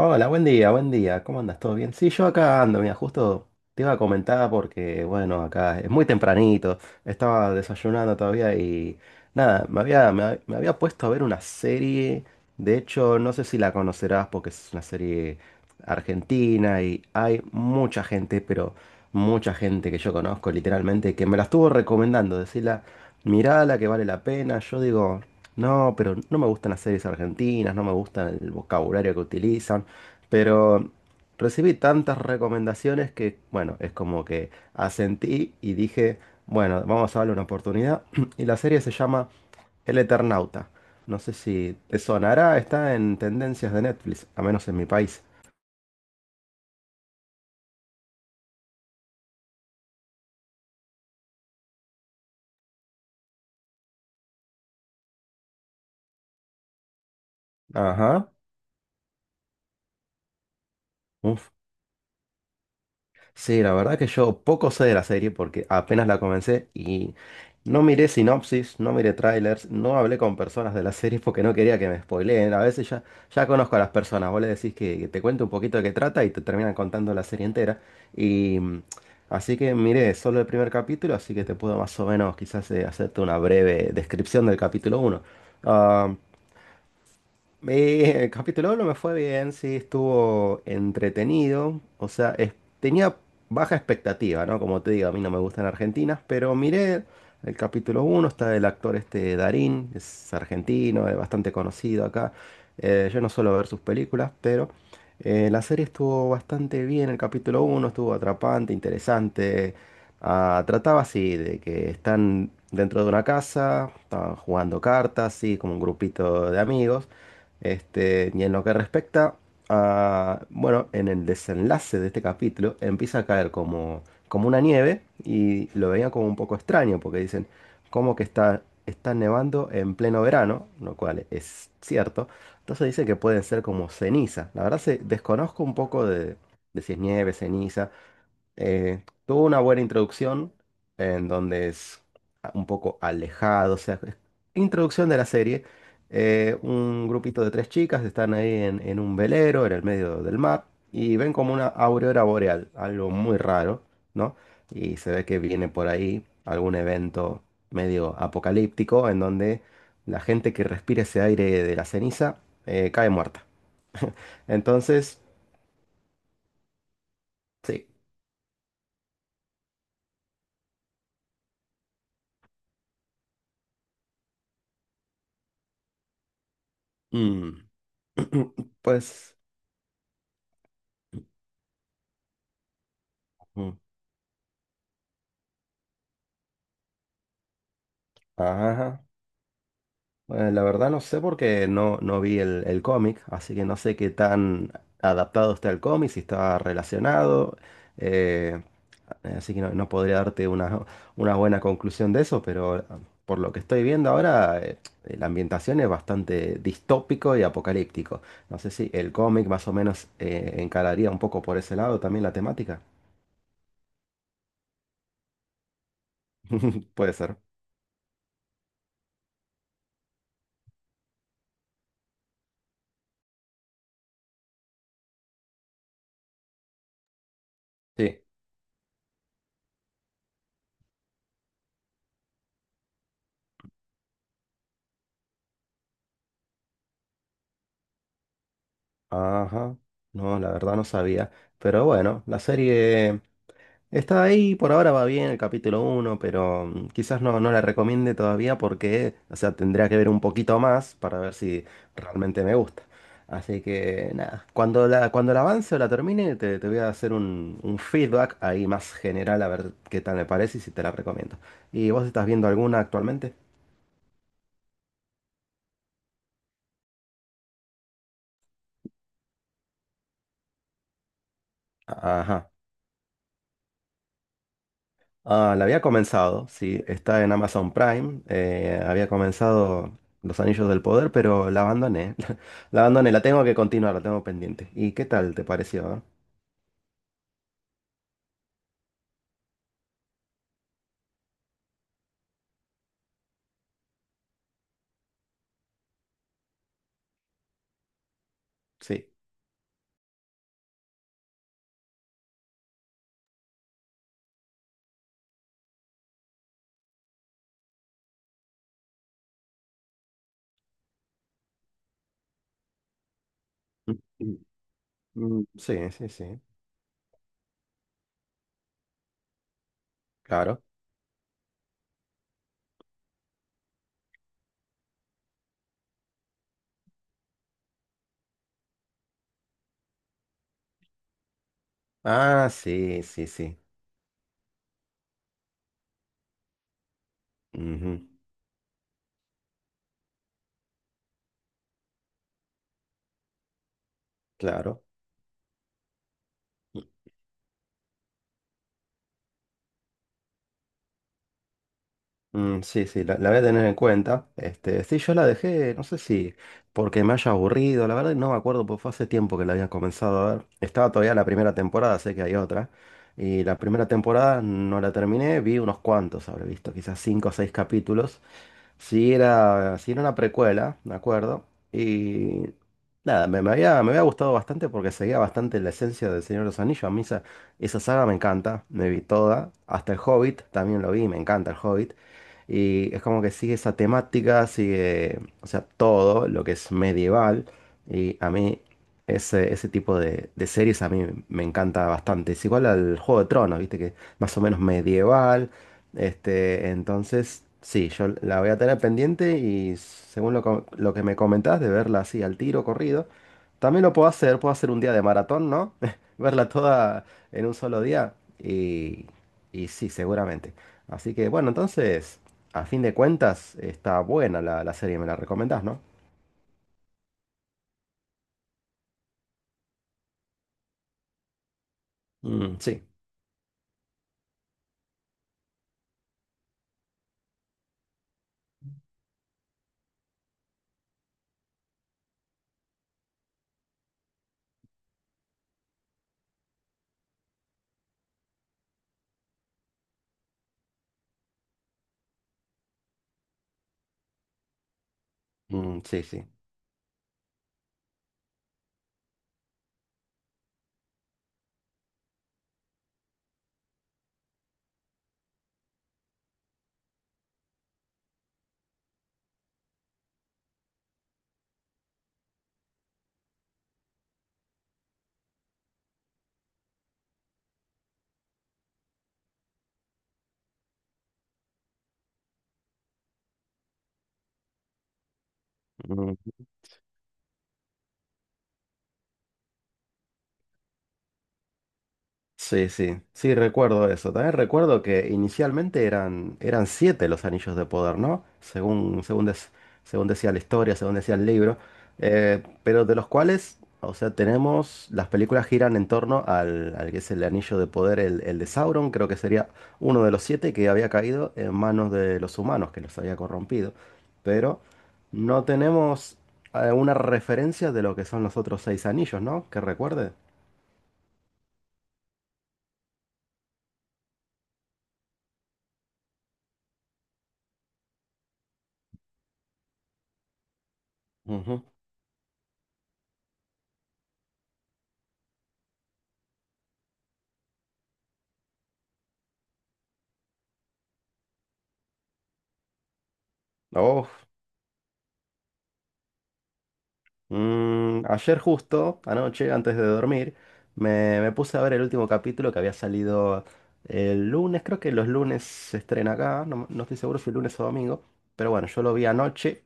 Hola, buen día, buen día. ¿Cómo andas? ¿Todo bien? Sí, yo acá ando, mira, justo te iba a comentar porque, bueno, acá es muy tempranito, estaba desayunando todavía y nada, me había puesto a ver una serie. De hecho, no sé si la conocerás porque es una serie argentina y hay mucha gente, pero mucha gente que yo conozco literalmente que me la estuvo recomendando, decirla, mirala que vale la pena, yo digo. No, pero no me gustan las series argentinas, no me gusta el vocabulario que utilizan. Pero recibí tantas recomendaciones que, bueno, es como que asentí y dije, bueno, vamos a darle una oportunidad. Y la serie se llama El Eternauta. No sé si te sonará, está en tendencias de Netflix, a menos en mi país. Ajá. Un Sí, la verdad que yo poco sé de la serie porque apenas la comencé y no miré sinopsis, no miré trailers, no hablé con personas de la serie porque no quería que me spoileen. A veces ya, ya conozco a las personas, vos le decís que te cuente un poquito de qué trata y te terminan contando la serie entera. Y así que miré solo el primer capítulo, así que te puedo más o menos quizás hacerte una breve descripción del capítulo uno. Ah, el capítulo uno me fue bien, sí, estuvo entretenido. O sea, tenía baja expectativa, ¿no? Como te digo, a mí no me gustan argentinas, pero miré el capítulo uno. Está el actor este Darín, es argentino, es bastante conocido acá. Yo no suelo ver sus películas, pero la serie estuvo bastante bien. El capítulo uno estuvo atrapante, interesante. Ah, trataba así de que están dentro de una casa, estaban jugando cartas, así como un grupito de amigos. Este, y en lo que respecta a, bueno, en el desenlace de este capítulo empieza a caer como una nieve y lo veía como un poco extraño porque dicen, ¿cómo que está nevando en pleno verano? Lo cual es cierto. Entonces dice que pueden ser como ceniza. La verdad se desconozco un poco de si es nieve, ceniza. Tuvo una buena introducción en donde es un poco alejado, o sea, introducción de la serie. Un grupito de tres chicas están ahí en un velero, en el medio del mar, y ven como una aurora boreal, algo muy raro, ¿no? Y se ve que viene por ahí algún evento medio apocalíptico en donde la gente que respire ese aire de la ceniza cae muerta. Entonces, sí. mm, Pues. mm, Ajá. Bueno, la verdad no sé porque no vi el cómic, así que no sé qué tan adaptado está el cómic, si está relacionado. eh, así que no podría darte una buena conclusión de eso, pero por lo que estoy viendo ahora, la ambientación es bastante distópico y apocalíptico. No sé si el cómic más o menos encararía un poco por ese lado también la temática. Puede ser. Sí. Ajá. No, la verdad no sabía. Pero bueno, la serie. Está ahí, por ahora va bien el capítulo uno, pero quizás no la recomiende todavía porque, o sea, tendría que ver un poquito más para ver si realmente me gusta. Así que nada, cuando la avance o la termine, te voy a hacer un feedback ahí más general a ver qué tal me parece y si te la recomiendo. ¿Y vos estás viendo alguna actualmente? Ajá. Ah, la había comenzado, sí, está en Amazon Prime. Había comenzado Los Anillos del Poder, pero la abandoné. La abandoné, la tengo que continuar, la tengo pendiente. ¿Y qué tal te pareció? ¿Ah? Sí. Mm, mm, sí, sí, sí, claro. Ah, sí, sí, sí. Ujú. Claro. Mm, sí, sí, la voy a tener en cuenta. Este, sí, yo la dejé, no sé si porque me haya aburrido, la verdad no me acuerdo, porque fue hace tiempo que la había comenzado a ver. Estaba todavía la primera temporada, sé que hay otra. Y la primera temporada no la terminé, vi unos cuantos, habré visto quizás cinco o seis capítulos. Sí era una precuela, me acuerdo. Y nada, me había gustado bastante porque seguía bastante la esencia del Señor de los Anillos. A mí esa, esa saga me encanta, me vi toda. Hasta el Hobbit también lo vi, me encanta el Hobbit. Y es como que sigue esa temática, sigue, o sea, todo lo que es medieval. Y a mí ese, ese tipo de series a mí me encanta bastante. Es igual al Juego de Tronos, viste que más o menos medieval. Este, entonces, sí, yo la voy a tener pendiente y según lo que me comentás de verla así al tiro, corrido, también lo puedo hacer un día de maratón, ¿no? Verla toda en un solo día y sí, seguramente. Así que bueno, entonces, a fin de cuentas, está buena la, la serie, me la recomendás, ¿no? Mm, sí. Mm, sí, sí. Sí, sí, sí, recuerdo eso. También recuerdo que inicialmente eran, eran siete los anillos de poder, ¿no? Según decía la historia, según decía el libro. Pero de los cuales, o sea, tenemos, las películas giran en torno al, al que es el anillo de poder, el de Sauron, creo que sería uno de los siete que había caído en manos de los humanos, que los había corrompido. Pero no tenemos una referencia de lo que son los otros seis anillos, ¿no? Que recuerde. Ujú. Oh. Ayer justo, anoche, antes de dormir, me puse a ver el último capítulo que había salido el lunes, creo que los lunes se estrena acá, no estoy seguro si lunes o domingo, pero bueno, yo lo vi anoche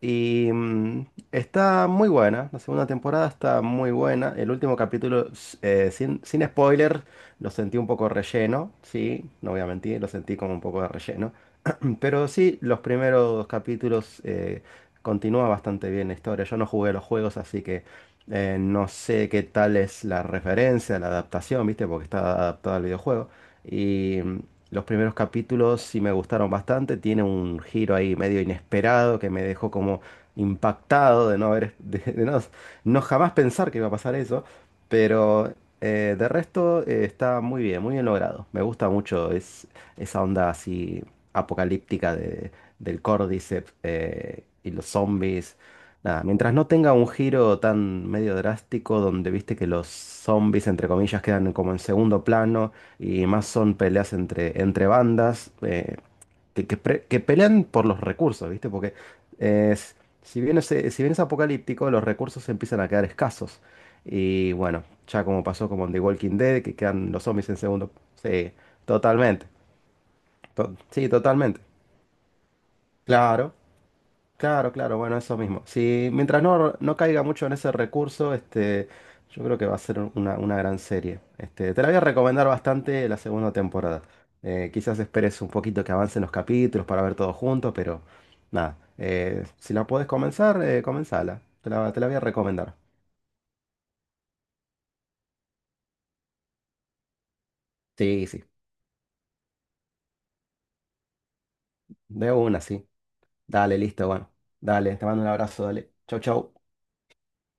y está muy buena, la segunda temporada está muy buena, el último capítulo, sin spoiler, lo sentí un poco relleno, sí, no voy a mentir, lo sentí como un poco de relleno. Pero sí, los primeros capítulos continúa bastante bien la historia. Yo no jugué los juegos, así que no sé qué tal es la referencia, la adaptación, ¿viste? Porque está adaptada al videojuego. Y los primeros capítulos sí me gustaron bastante. Tiene un giro ahí medio inesperado que me dejó como impactado de no haber, de no, no jamás pensar que iba a pasar eso. Pero de resto está muy bien logrado. Me gusta mucho. Esa onda así apocalíptica del Cordyceps y los zombies. Nada, mientras no tenga un giro tan medio drástico donde viste que los zombies, entre comillas, quedan como en segundo plano y más son peleas entre bandas que pelean por los recursos, ¿viste? Porque es, si bien es, si bien es apocalíptico, los recursos empiezan a quedar escasos. Y bueno, ya como pasó como en The Walking Dead, que quedan los zombies en segundo. Sí, totalmente. Sí, totalmente. Claro, claro, claro. Bueno, eso mismo. Si mientras no caiga mucho en ese recurso, este, yo creo que va a ser una, gran serie. Este, te la voy a recomendar bastante la segunda temporada. Quizás esperes un poquito que avancen los capítulos para ver todo junto, pero nada. Si la puedes comenzar, comenzala. Te la voy a recomendar. Sí, sí. De una, sí. Dale, listo, bueno. Dale, te mando un abrazo, dale. Chau, chau.